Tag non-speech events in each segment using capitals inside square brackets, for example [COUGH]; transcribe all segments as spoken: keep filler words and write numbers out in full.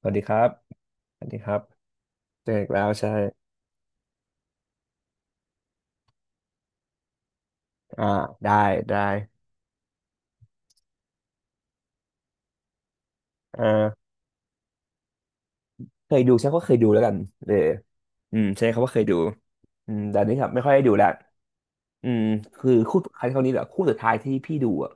สวัสดีครับสวัสดีครับเจออีกแล้วใช่อ่าได้ได้เออเคยดูใช่ก็เคยดูแล้วกันเอออืมใช่เขาว่าเคยดูอืมแต่อันนี้ครับไม่ค่อยได้ดูแล้วอืมคือคู่ครั้งนี้แหละคู่สุดท้ายที่พี่ดูอ่ะ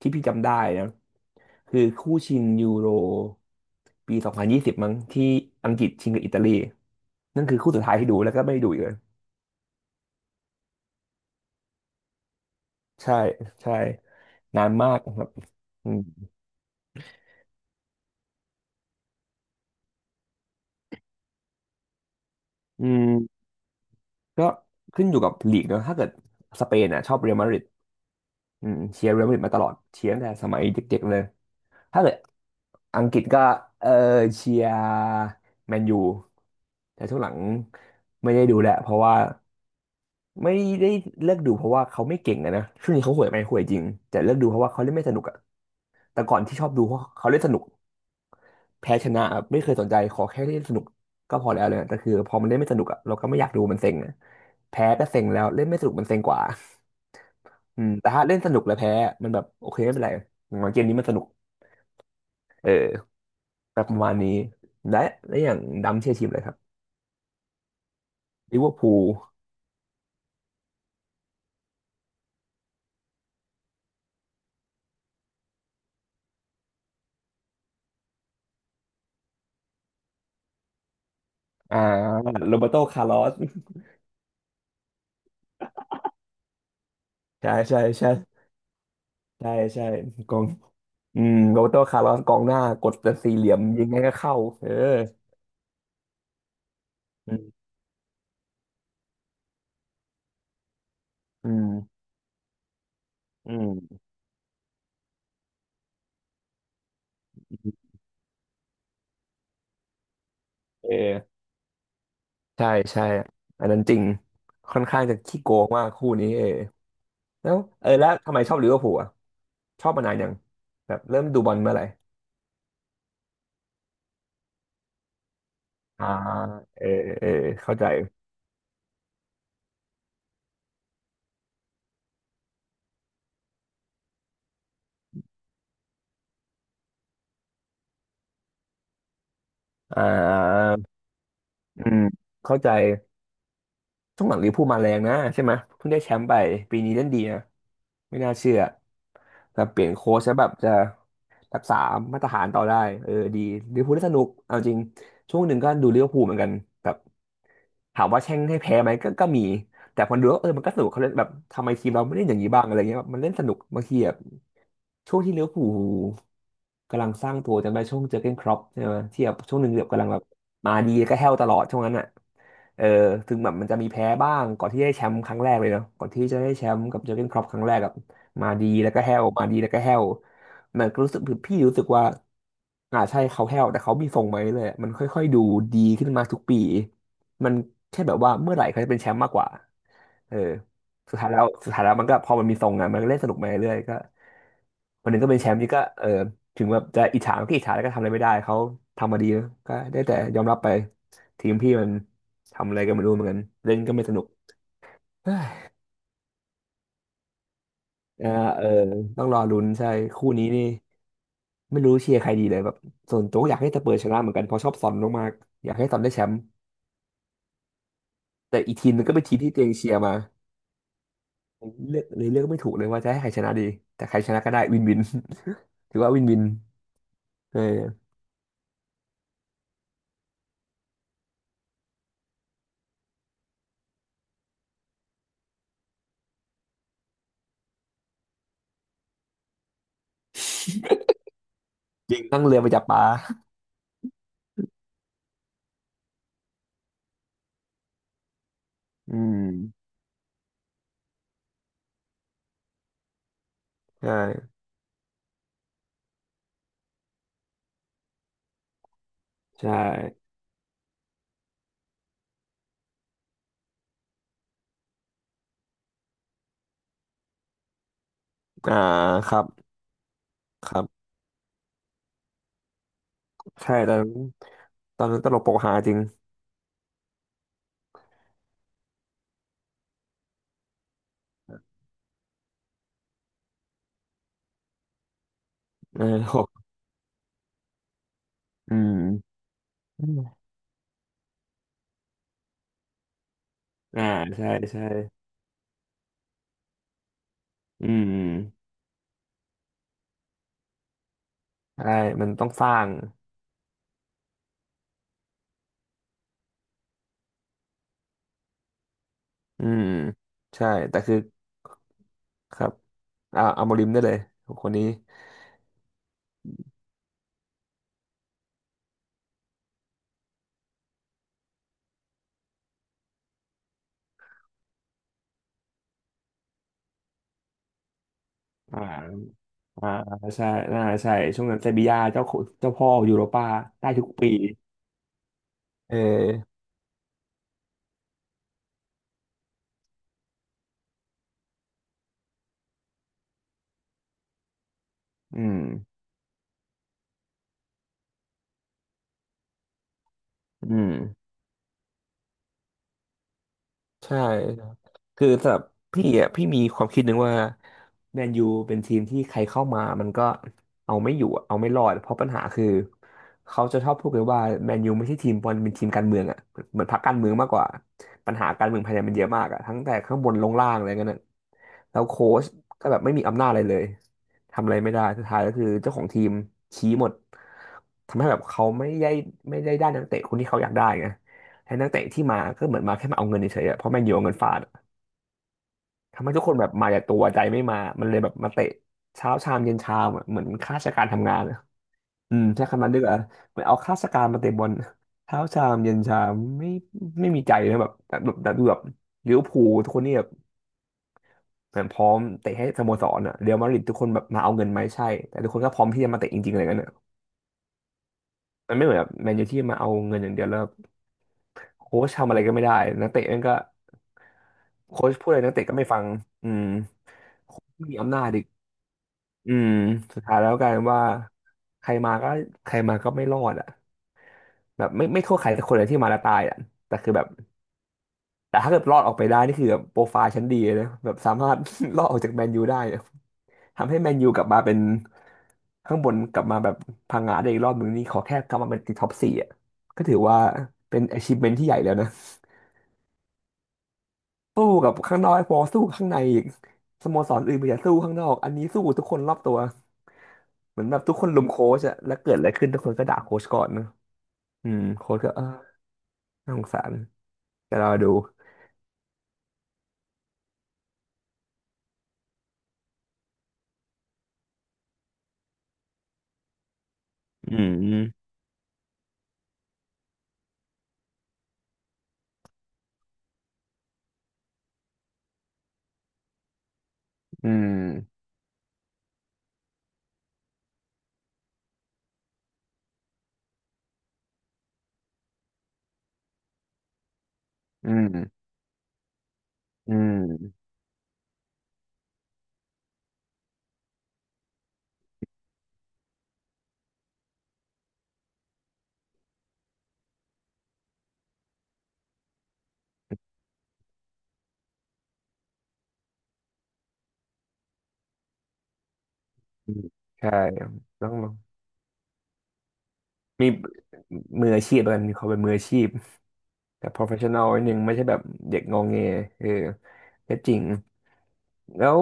ที่พี่จำได้นะคือคู่ชิงยูโรปีสองพันยี่สิบมั้งที่อังกฤษชิงกับอิตาลีนั่นคือคู่สุดท้ายที่ดูแล้วก็ไม่ดูอีกเลยใช่ใช่นานมากครับอืมอืม ก็ขึ้นอยู่กับลีกเนอะถ้าเกิดสเปนอ่ะชอบเรอัลมาดริดอืมเชียร์เรอัลมาดริดมาตลอดเชียร์ตั้งแต่สมัยเด็กๆเลยถ้าเกิดอังกฤษก็เออเชียร์แมนยูแต่ช่วงหลังไม่ได้ดูแหละเพราะว่าไม่ได้เลิกดูเพราะว่าเขาไม่เก่งอะนะช่วงนี้เขาห่วยไหมห่วยจริงแต่เลิกดูเพราะว่าเขาเล่นไม่สนุกอะแต่ก่อนที่ชอบดูเพราะเขาเล่นสนุกแพ้ชนะอะไม่เคยสนใจขอแค่เล่นสนุกก็พอแล้วเลยแต่คือพอมันเล่นไม่สนุกอะเราก็ไม่อยากดูมันเซ็งอะแพ้ก็เซ็งแล้วเล่นไม่สนุกมันเซ็งกว่า อืมแต่ถ้าเล่นสนุกแล้วแพ้ มันแบบโอเคไม่เป็นไรอย่างน้อยเกมนี้มันสนุกเออแบบประมาณนี้ และและอย่างดำเชียร์ทีมอะไรครับลิเวอร์พูลอ่าโรเบร์โตคาร์ลอส [LAUGHS] ใช่ใช่ใช่ใช่ใช่กองอืมโรเบร์โตคาร์ลอสกองหน้ากดแต่สี่เหลี่ยมยิงไงก็เข้าเอออืมอืมอืมเออใช่ใช่อันนั้นจริง ค่อนข้างจะขี้โกงมากคู่นี้เออแล้วเออแล้วทำไมชอบลิเวอร์พูลอ่ะ ชอบมานานยังแบบเริ่มดูบอลเมื่อไหร่ อ่าเออเออเข้าใจอ่าอืมเข้าใจช่วงหลังลิเวอร์พูลมาแรงนะใช่ไหมเพิ่งได้แชมป์ไปปีนี้เล่นดีนะไม่น่าเชื่อแบเปลี่ยนโค้ชแล้วแบบจะรักษามาตรฐานต่อได้เออดีลิเวอร์พูลได้สนุกเอาจริงช่วงหนึ่งก็ดูลิเวอร์พูลเหมือนกันแบบถามว่าแช่งให้แพ้ไหมก็ก็มีแต่พอดูแล้วเออมันก็สนุกเขาเล่นแบบทำไมทีมเราไม่เล่นอย่างนี้บ้างอะไรเงี้ยแบบมันเล่นสนุกบางทีอะ ช่วงที่ลิเวอร์พูลกำลังสร้างตัวจำได้ช่วงเจอร์เก้นคล็อปใช่ไหมที่แบบช่วงหนึ่งแบบกำลังแบบมาดีก็แห้วตลอดช่วงนั้นอ่ะเออถึงแบบมันจะมีแพ้บ้างก่อนที่ได้แชมป์ครั้งแรกเลยเนาะก่อนที่จะได้แชมป์กับเจอร์เก้นคล็อปครั้งแรกกับมาดีแล้วก็แห้วมาดีแล้วก็แห้วมันก็รู้สึกพี่รู้สึกว่าอ่าใช่เขาแห้วแต่เขามีทรงไหมาเลยๆมันค่อยๆดูดีขึ้นมาทุกปีมันแค่แบบว่าเมื่อไหร่เขาจะเป็นแชมป์มากกว่าเออสุดท้ายแล้วสุดท้ายแล้วมันก็พอมันมีทรงอ่ะมันก็เล่นสนุกมาเรื่อยๆก็ วันหนึ่งก็เป็นแชมป์นี่ก็เออถึงแบบจะอิจฉาก็อิจฉาแล้วก็ทำอะไรไม่ได้เขาทำมาดีนะก็ได้แต่ยอมรับไปทีมพี่มันทำอะไรก็ไม่รู้เหมือนกันเล่นก็ไม่สนุกเฮ้ยเออเออต้องรอลุ้นใช่คู่นี้นี่ไม่รู้เชียร์ใครดีเลยแบบส่วนตัวก็อยากให้สเปอร์ชนะเหมือนกันเพราะชอบซอนมากๆอยากให้ซอนได้แชมป์แต่อีกทีมนันก็เป็นทีมที่ตัวเองเชียร์มาเลือกเลยเลือกไม่ถูกเลยว่าจะให้ใครชนะดีแต่ใครชนะก็ได้วินวิน [LAUGHS] ถือว่าวินวินเออจริงนั่งเรือไปจับปลาอืมใช่ใช่อ่าครับ ครับใช่ตอนนั้นตอนนั้นตลกโปกฮาจริงเออ [LAUGHS] อืมอืมอ่าใช่ใช่อืมใช่มันต้องสร้างอืมใช่แต่คือครับอ่าอาโมริมได้เลยคนนี้อ่าอ่าใช่น่าใช่ช่วงนั้นเซบีย่าเจ้าขุเจ้าพ่อยูโรป้าได้ทุกปีเอออืมอืม ใช่ครับคือสำหรับพี่อ่ะพี่มีความคิดหนึ่งว่าแมนยูเป็นทีมที่ใครเข้ามามันก็เอาไม่อยู่อะเอาไม่รอดเพราะปัญหาคือเขาจะชอบพูดกันว่าแมนยูไม่ใช่ทีมบอลเป็นทีมการเมืองอ่ะเหมือนพรรคการเมืองมากกว่าปัญหาการเมืองภายในมันเยอะมากอ่ะทั้งแต่ข้างบนลงล่างอะไรเงี้ยน่ะแล้วโค้ชก็แบบไม่มีอำนาจอะไรเลยทำอะไรไม่ได้สุดท้ายก็คือเจ้าของทีมชี้หมดทำให้แบบเขาไม่ได้ไม่ได้ได้นักเตะคนที่เขาอยากได้ไง ให้นักเตะที่มาก็เหมือนมาแค่มาเอาเงินเฉยๆอะเพราะแมนยูเอาเงินฟาดอะทำให้ทุกคนแบบมาแต่ตัวใจไม่มามันเลยแบบมาเตะเช้าชามเย็นชามอะเหมือนข้าราชการทำงานอะอืมใช้คำนั้นดีกว่าเหมือนเอาข้าราชการมาเตะบอลเช้าชามเย็นชามไม่ไม่มีใจนะแบบแต่แบบแต่ดูแบบลิเวอร์พูลทุกคนนี่แบบเหมือนพร้อมเตะให้สโมสรอะเรอัลมาดริดทุกคนแบบมาเอาเงินไหมใช่แต่ทุกคนก็พร้อมที่จะมาเตะจริงๆอะไรเงี้ยนอะมันไม่เหมือนแบบแมนยูที่มาเอาเงินอย่างเดียวแล้ว โค้ชทำอะไรก็ไม่ได้นักเตะนั่นก็โค้ชพูดอะไรนักเตะก็ไม่ฟังอืมโค้ชไม่มีอำนาจอีกอืมสุดท้ายแล้วกลายเป็นว่าใครมาก็ใครมาก็ไม่รอดอ่ะแบบไม่ไม่โทษใครแต่คนเลยที่มาแล้วตายอ่ะแต่คือแบบแต่ถ้าเกิดรอดออกไปได้นี่คือแบบโปรไฟล์ชั้นดีเลยนะแบบสามารถ [LAUGHS] รอดออกจากแมนยูได้อะทำให้แมนยูกลับมาเป็นข้างบนกลับมาแบบพังงาได้อีกรอบหนึ่งนี่ขอแค่กลับมาเป็นติดท็อปสี่อ่ะก็ถือว่าเป็น achievement ที่ใหญ่แล้วนะ สู้กับข้างนอกให้พอสู้ข้างในอีกสโมสรอื่นมีแต่าสู้ข้างนอกอันนี้สู้ทุกคนรอบตัวเหมือนแบบทุกคนลุมโค้ชอะแล้วเกิดอะไรขึ้นทุกคนก็ด่าโค้ชก่อนนะอืมโค้ชก็เออน่าสงสารแต่เราดูอืมอืมอืมอืมอืมใช่ต้องมีมืออาชีพแล้วกันมีความเป็นมืออาชีพแต่ professional นิดนึงไม่ใช่แบบเด็กงองแงเออก็จริงแล้ว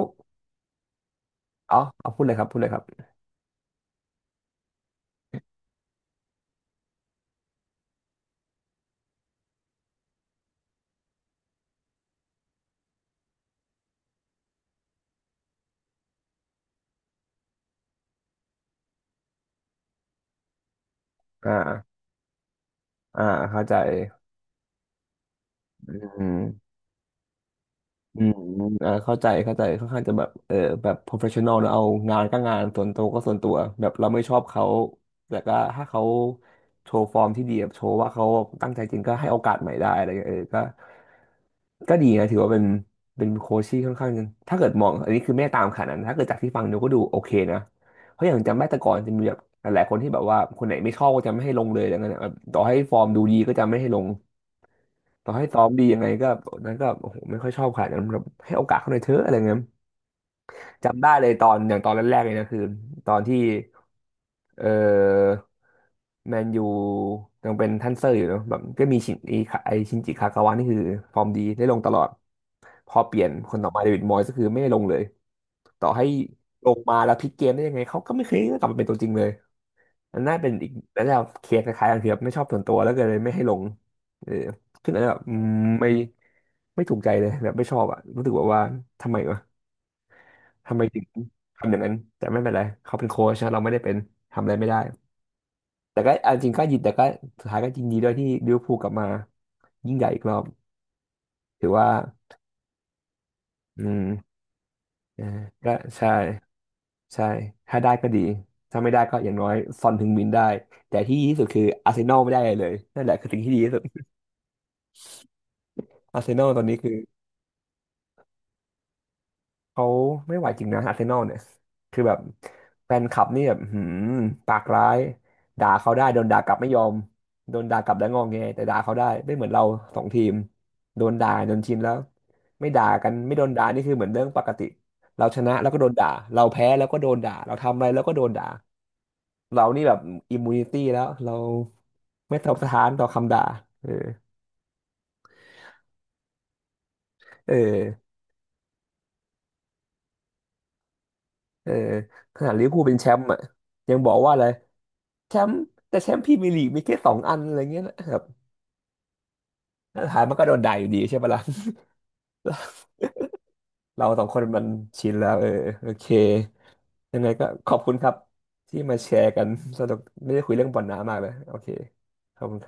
อ๋อเอาพูดเลยครับพูดเลยครับอ่าอ่าเข้าใจอืม อืมอ่าเข้าใจเข้าใจค่อนข้างจะแบบเออแบบ professional นะเอางานก็งานส่วนตัวก็ส่วนตัวแบบเราไม่ชอบเขาแต่ก็ถ้าเขาโชว์ฟอร์มที่ดีแบบโชว์ว่าเขาตั้งใจจริงก็ให้โอกาสใหม่ได้อะไรเงี้ยเออก็ก็ดีนะถือว่าเป็นเป็นโค้ชที่ค่อนข้างถ้าเกิดมองอันนี้คือไม่ได้ตามขนาดนั้นถ้าเกิดจากที่ฟังดูก็ดูโอเคนะเพราะอย่างจำได้แต่ก่อนจะมีแบบหลายๆคนที่แบบว่าคนไหนไม่ชอบก็จะไม่ให้ลงเลยอะไรเงี้ยนะแบบต่อให้ฟอร์มดูดีก็จะไม่ให้ลง ต่อให้ซ้อมดียังไงก็นั้นก็โอ้โหไม่ค่อยชอบขนาดนั้นแบบให้โอกาสเขาหน่อยเถอะอะไรเงี้ยจำได้เลยตอนอย่างตอนแรกๆเลยนะคือตอนที่เออแมนยูยังเป็นท่านเซอร์อยู่เนอะแบบก็มีชินอีคาไอชินจิคากาวะนี่คือฟอร์มดีได้ลงตลอดพอเปลี่ยนคนต่อมาเดวิดมอยส์ก็คือไม่ได้ลงเลยต่อให้ลงมาแล้วพลิกเกมได้ยังไงเขาก็ไม่เคยกลับมาเป็นตัวจริงเลย มันน่าเป็นอีกแล้วเราเคลียร์คล้ายๆกันคือแบบไม่ชอบส่วนตัวแล้วก็เลยไม่ให้ลงเออขึงอันแ้นแบบอืมไม่ไม่ถูกใจเลยแบบไม่ชอบอ่ะรู้สึกแบบว่าทำไมวะทำไมถึงทำอย่างนั้นแต่ไม่เป็นไรเขาเป็นโค้ชนะเราไม่ได้เป็นทำอะไรไม่ได้แต่ก็เอาจริงก็ยินแต่ก็สุดท้ายก็ยินดีด้วยที่ลิเวอร์พูลกลับมายิ่งใหญ่อีกรอบถือว่าอืมเออก็ใช่ใช่ถ้าได้ก็ดีถ้าไม่ได้ก็อย่างน้อยซอนถึงมินได้แต่ที่ดีที่สุดคืออาร์เซนอลไม่ได้อะไรเลยนั่นแหละคือสิ่งที่ดีที่สุดอาร์เซนอลตอนนี้คือ เขาไม่ไหวจริงนะอาร์เซนอลเนี่ยคือแบบแฟนคลับนี่แบบหืมปากร้ายด่าเขาได้โดนด่ากลับไม่ยอมโดนด่ากลับแล้วงอแงแต่ด่าเขาได้ไม่เหมือนเราสองทีมโดนด่าจนชินแล้วไม่ด่ากันไม่โดนด่านี่คือเหมือนเรื่องปกติเราชนะแล้วก็โดนด่าเราแพ้แล้วก็โดนด่าเราทำอะไรแล้วก็โดนด่าเรานี่แบบอิมมูนิตี้แล้วเราไม่ตอบสถานต่อคำด่าเออเออเออขนาดลิเวอร์พูลเป็นแชมป์อ่ะยังบอกว่าอะไร แชมป์แต่แชมป์พรีเมียร์ลีกมีแค่สองอันอะไรเงี้ยนะครับสุดท้ายมันก็โดนด่าอยู่ดีใช่ปะล่ะ [LAUGHS] เราสองคนมันชินแล้วเออโอเคยังไงก็ขอบคุณครับที่มาแชร์กันสนุกไม่ได้คุยเรื่องบอลน้ามากเลยโอเคขอบคุณครับ